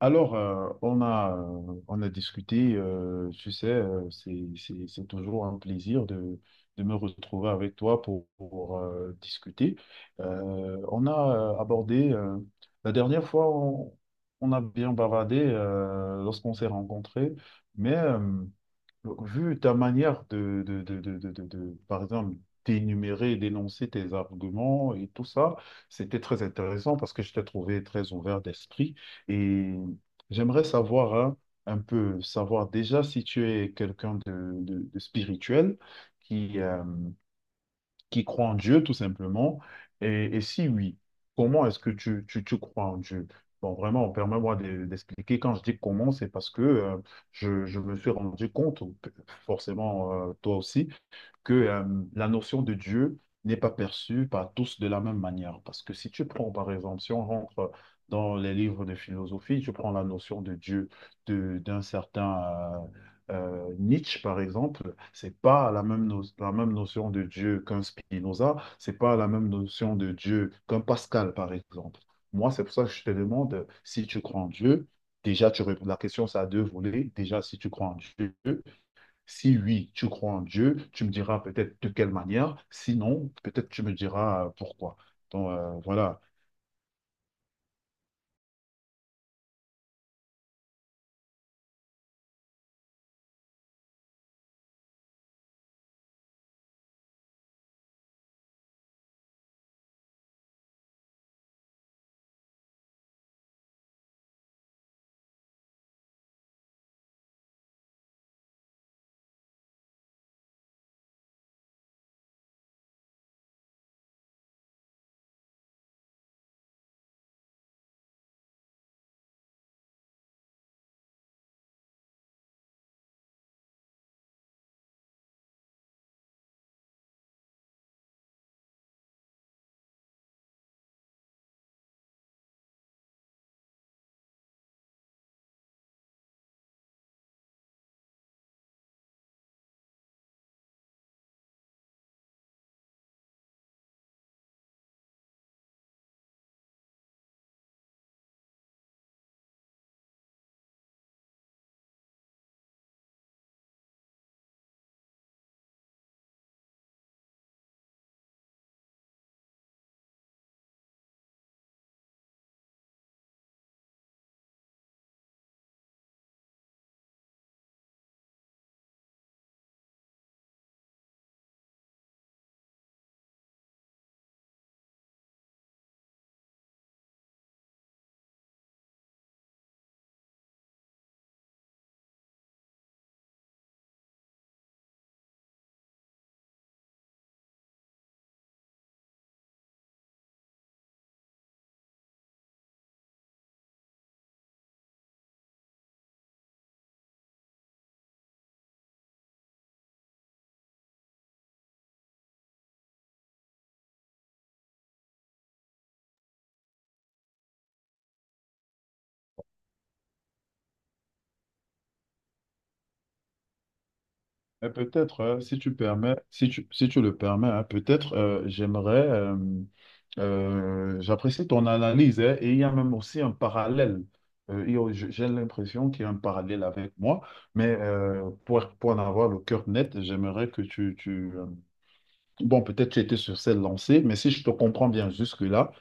Alors, on a discuté, tu sais, c'est toujours un plaisir de me retrouver avec toi pour, pour discuter. On a abordé, la dernière fois, on a bien bavardé lorsqu'on s'est rencontrés, mais donc, vu ta manière de par exemple, d'énumérer, d'énoncer tes arguments et tout ça, c'était très intéressant parce que je t'ai trouvé très ouvert d'esprit et j'aimerais savoir, hein, un peu, savoir déjà si tu es quelqu'un de spirituel qui, euh, qui croient en Dieu, tout simplement? Et si oui, comment est-ce que tu crois en Dieu? Bon, vraiment, permets-moi d'expliquer. Quand je dis comment, c'est parce que je me suis rendu compte, ou forcément toi aussi, que la notion de Dieu n'est pas perçue par tous de la même manière. Parce que si tu prends, par exemple, si on rentre dans les livres de philosophie, tu prends la notion de Dieu de, d'un certain euh, Nietzsche, par exemple, c'est pas la même, la même notion de Dieu qu'un Spinoza, c'est pas la même notion de Dieu qu'un Pascal, par exemple. Moi, c'est pour ça que je te demande si tu crois en Dieu. Déjà, tu réponds, la question, ça a deux volets. Déjà, si tu crois en Dieu, si oui, tu crois en Dieu, tu me diras peut-être de quelle manière. Sinon, peut-être tu me diras pourquoi. Donc, voilà. Mais peut-être, si tu permets, si tu, si tu le permets, hein, peut-être j'aimerais, j'apprécie ton analyse, hein, et il y a même aussi un parallèle. J'ai l'impression qu'il y a un parallèle avec moi, mais pour en avoir le cœur net, j'aimerais que tu, bon, peut-être tu étais sur cette lancée, mais si je te comprends bien jusque-là.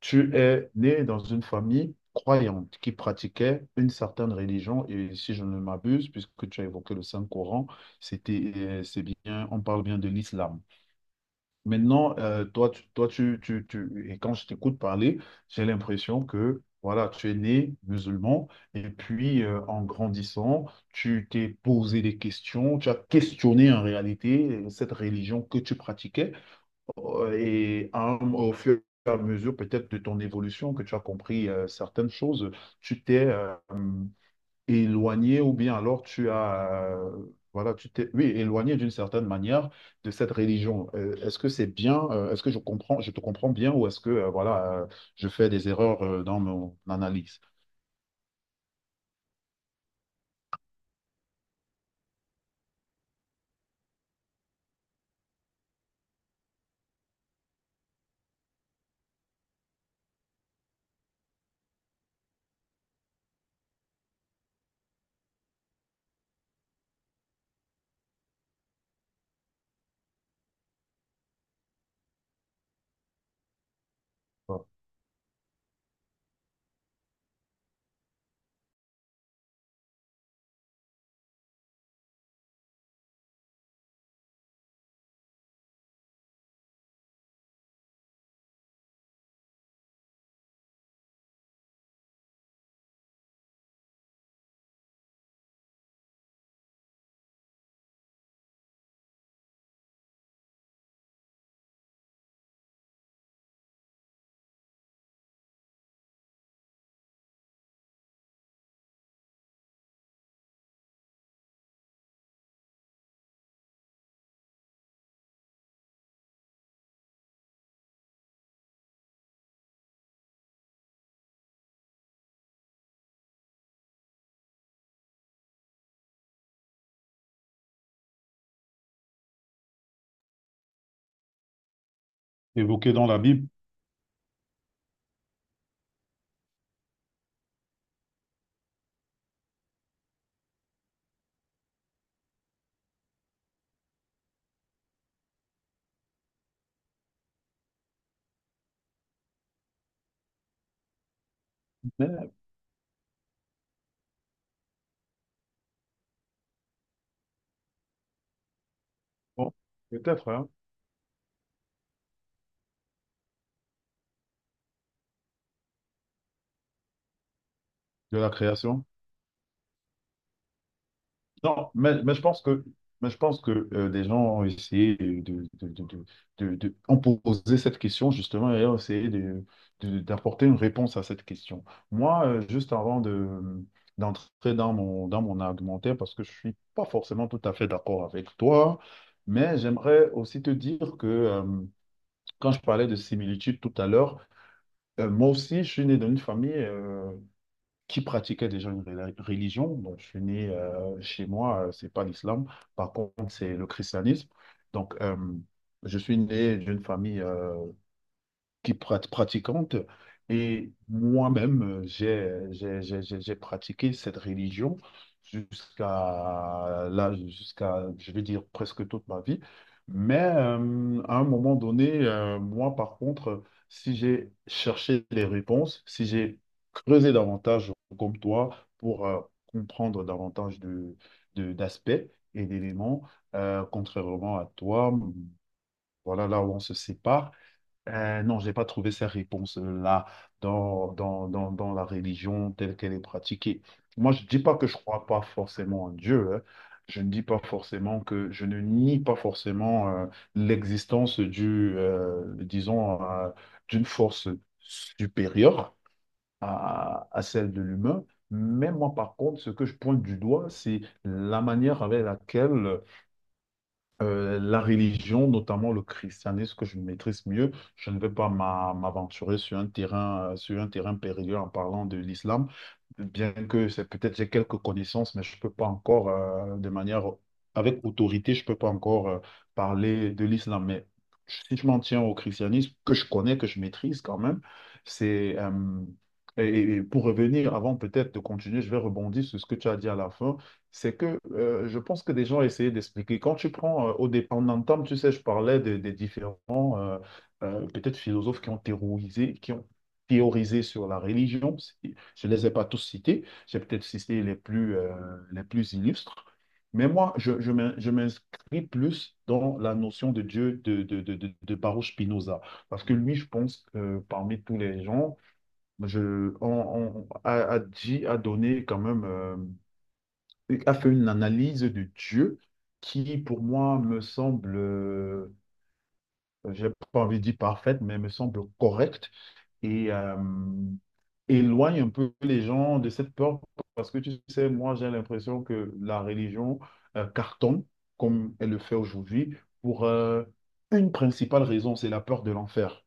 Tu es né dans une famille croyante qui pratiquait une certaine religion et si je ne m'abuse, puisque tu as évoqué le Saint-Coran, c'était, c'est bien, on parle bien de l'islam. Maintenant, toi, tu, toi, et quand je t'écoute parler, j'ai l'impression que voilà, tu es né musulman et puis en grandissant, tu t'es posé des questions, tu as questionné en réalité cette religion que tu pratiquais. Ouais, et au fur et à mesure peut-être de ton évolution, que tu as compris certaines choses, tu t'es éloigné ou bien alors tu as, voilà, tu t'es, oui, éloigné d'une certaine manière de cette religion. Est-ce que c'est bien, est-ce que je comprends, je te comprends bien ou est-ce que, voilà, je fais des erreurs dans mon analyse? Voilà. Évoqué dans la Bible, mais bon, peut-être, hein, de la création. Non, mais je pense que, mais je pense que des gens ont essayé de ont posé cette question justement et ont essayé de, d'apporter une réponse à cette question. Moi, juste avant de, d'entrer dans mon argumentaire, parce que je suis pas forcément tout à fait d'accord avec toi, mais j'aimerais aussi te dire que quand je parlais de similitude tout à l'heure, moi aussi, je suis né dans une famille qui pratiquaient déjà une religion. Donc, je suis né chez moi, c'est pas l'islam. Par contre, c'est le christianisme. Donc, je suis né d'une famille qui pratiquante. Et moi-même, j'ai pratiqué cette religion jusqu'à là, jusqu'à, je vais dire, presque toute ma vie. Mais à un moment donné, moi, par contre, si j'ai cherché des réponses, si j'ai creusé davantage comme toi pour comprendre davantage de, d'aspects et d'éléments, contrairement à toi, voilà là où on se sépare. Non, je n'ai pas trouvé ces réponses-là dans la religion telle qu'elle est pratiquée. Moi, je ne dis pas que je ne crois pas forcément en Dieu. Hein. Je ne dis pas forcément que je ne nie pas forcément l'existence du, disons, d'une force supérieure à celle de l'humain. Mais moi, par contre, ce que je pointe du doigt, c'est la manière avec laquelle la religion, notamment le christianisme que je maîtrise mieux. Je ne vais pas m'aventurer sur un terrain périlleux en parlant de l'islam, bien que c'est peut-être j'ai quelques connaissances, mais je ne peux pas encore, de manière avec autorité, je ne peux pas encore parler de l'islam. Mais si je m'en tiens au christianisme, que je connais, que je maîtrise quand même, c'est et pour revenir, avant peut-être de continuer, je vais rebondir sur ce que tu as dit à la fin, c'est que je pense que des gens essayaient d'expliquer. Quand tu prends, au départ en entame, tu sais, je parlais des différents, peut-être philosophes qui ont théorisé sur la religion. C'est- je ne les ai pas tous cités, j'ai peut-être cité les plus illustres. Mais moi, je, je m'inscris plus dans la notion de Dieu de Baruch Spinoza. Parce que lui, je pense que parmi tous les gens, je, on, a, a dit, a donné quand même. A fait une analyse de Dieu qui, pour moi, me semble, j'ai pas envie de dire parfaite, mais me semble correcte et éloigne un peu les gens de cette peur. Parce que tu sais, moi, j'ai l'impression que la religion cartonne, comme elle le fait aujourd'hui, pour une principale raison, c'est la peur de l'enfer.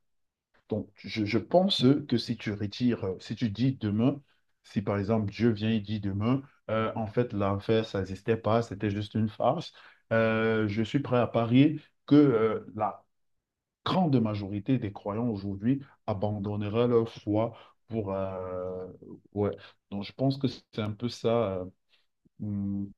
Donc, je pense que si tu retires, si tu dis demain, si par exemple Dieu vient et dit demain, en fait, l'enfer, ça n'existait pas, c'était juste une farce, je suis prêt à parier que la grande majorité des croyants aujourd'hui abandonnera leur foi pour... euh, ouais. Donc, je pense que c'est un peu ça. Hum,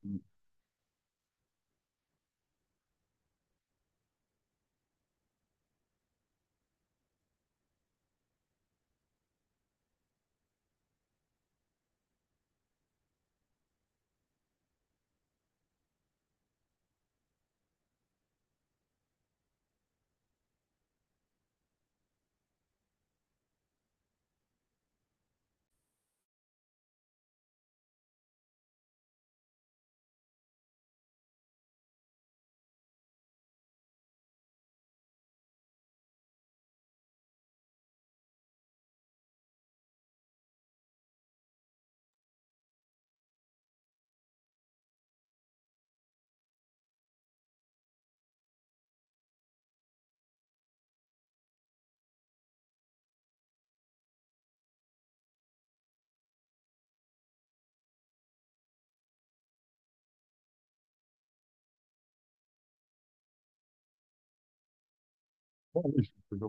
ouais, je-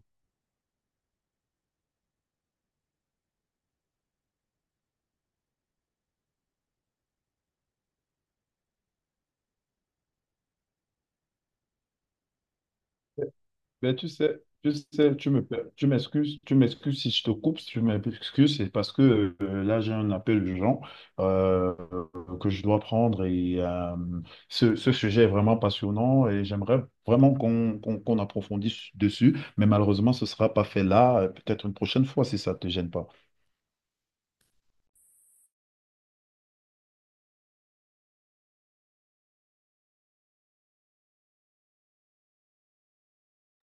ben, tu sais, tu sais, tu m'excuses si je te coupe, si tu m'excuses, c'est parce que là, j'ai un appel urgent euh, que je dois prendre et ce, ce sujet est vraiment passionnant et j'aimerais vraiment qu'on approfondisse dessus, mais malheureusement, ce ne sera pas fait là, peut-être une prochaine fois si ça ne te gêne pas.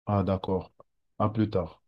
Ah, d'accord. À plus tard.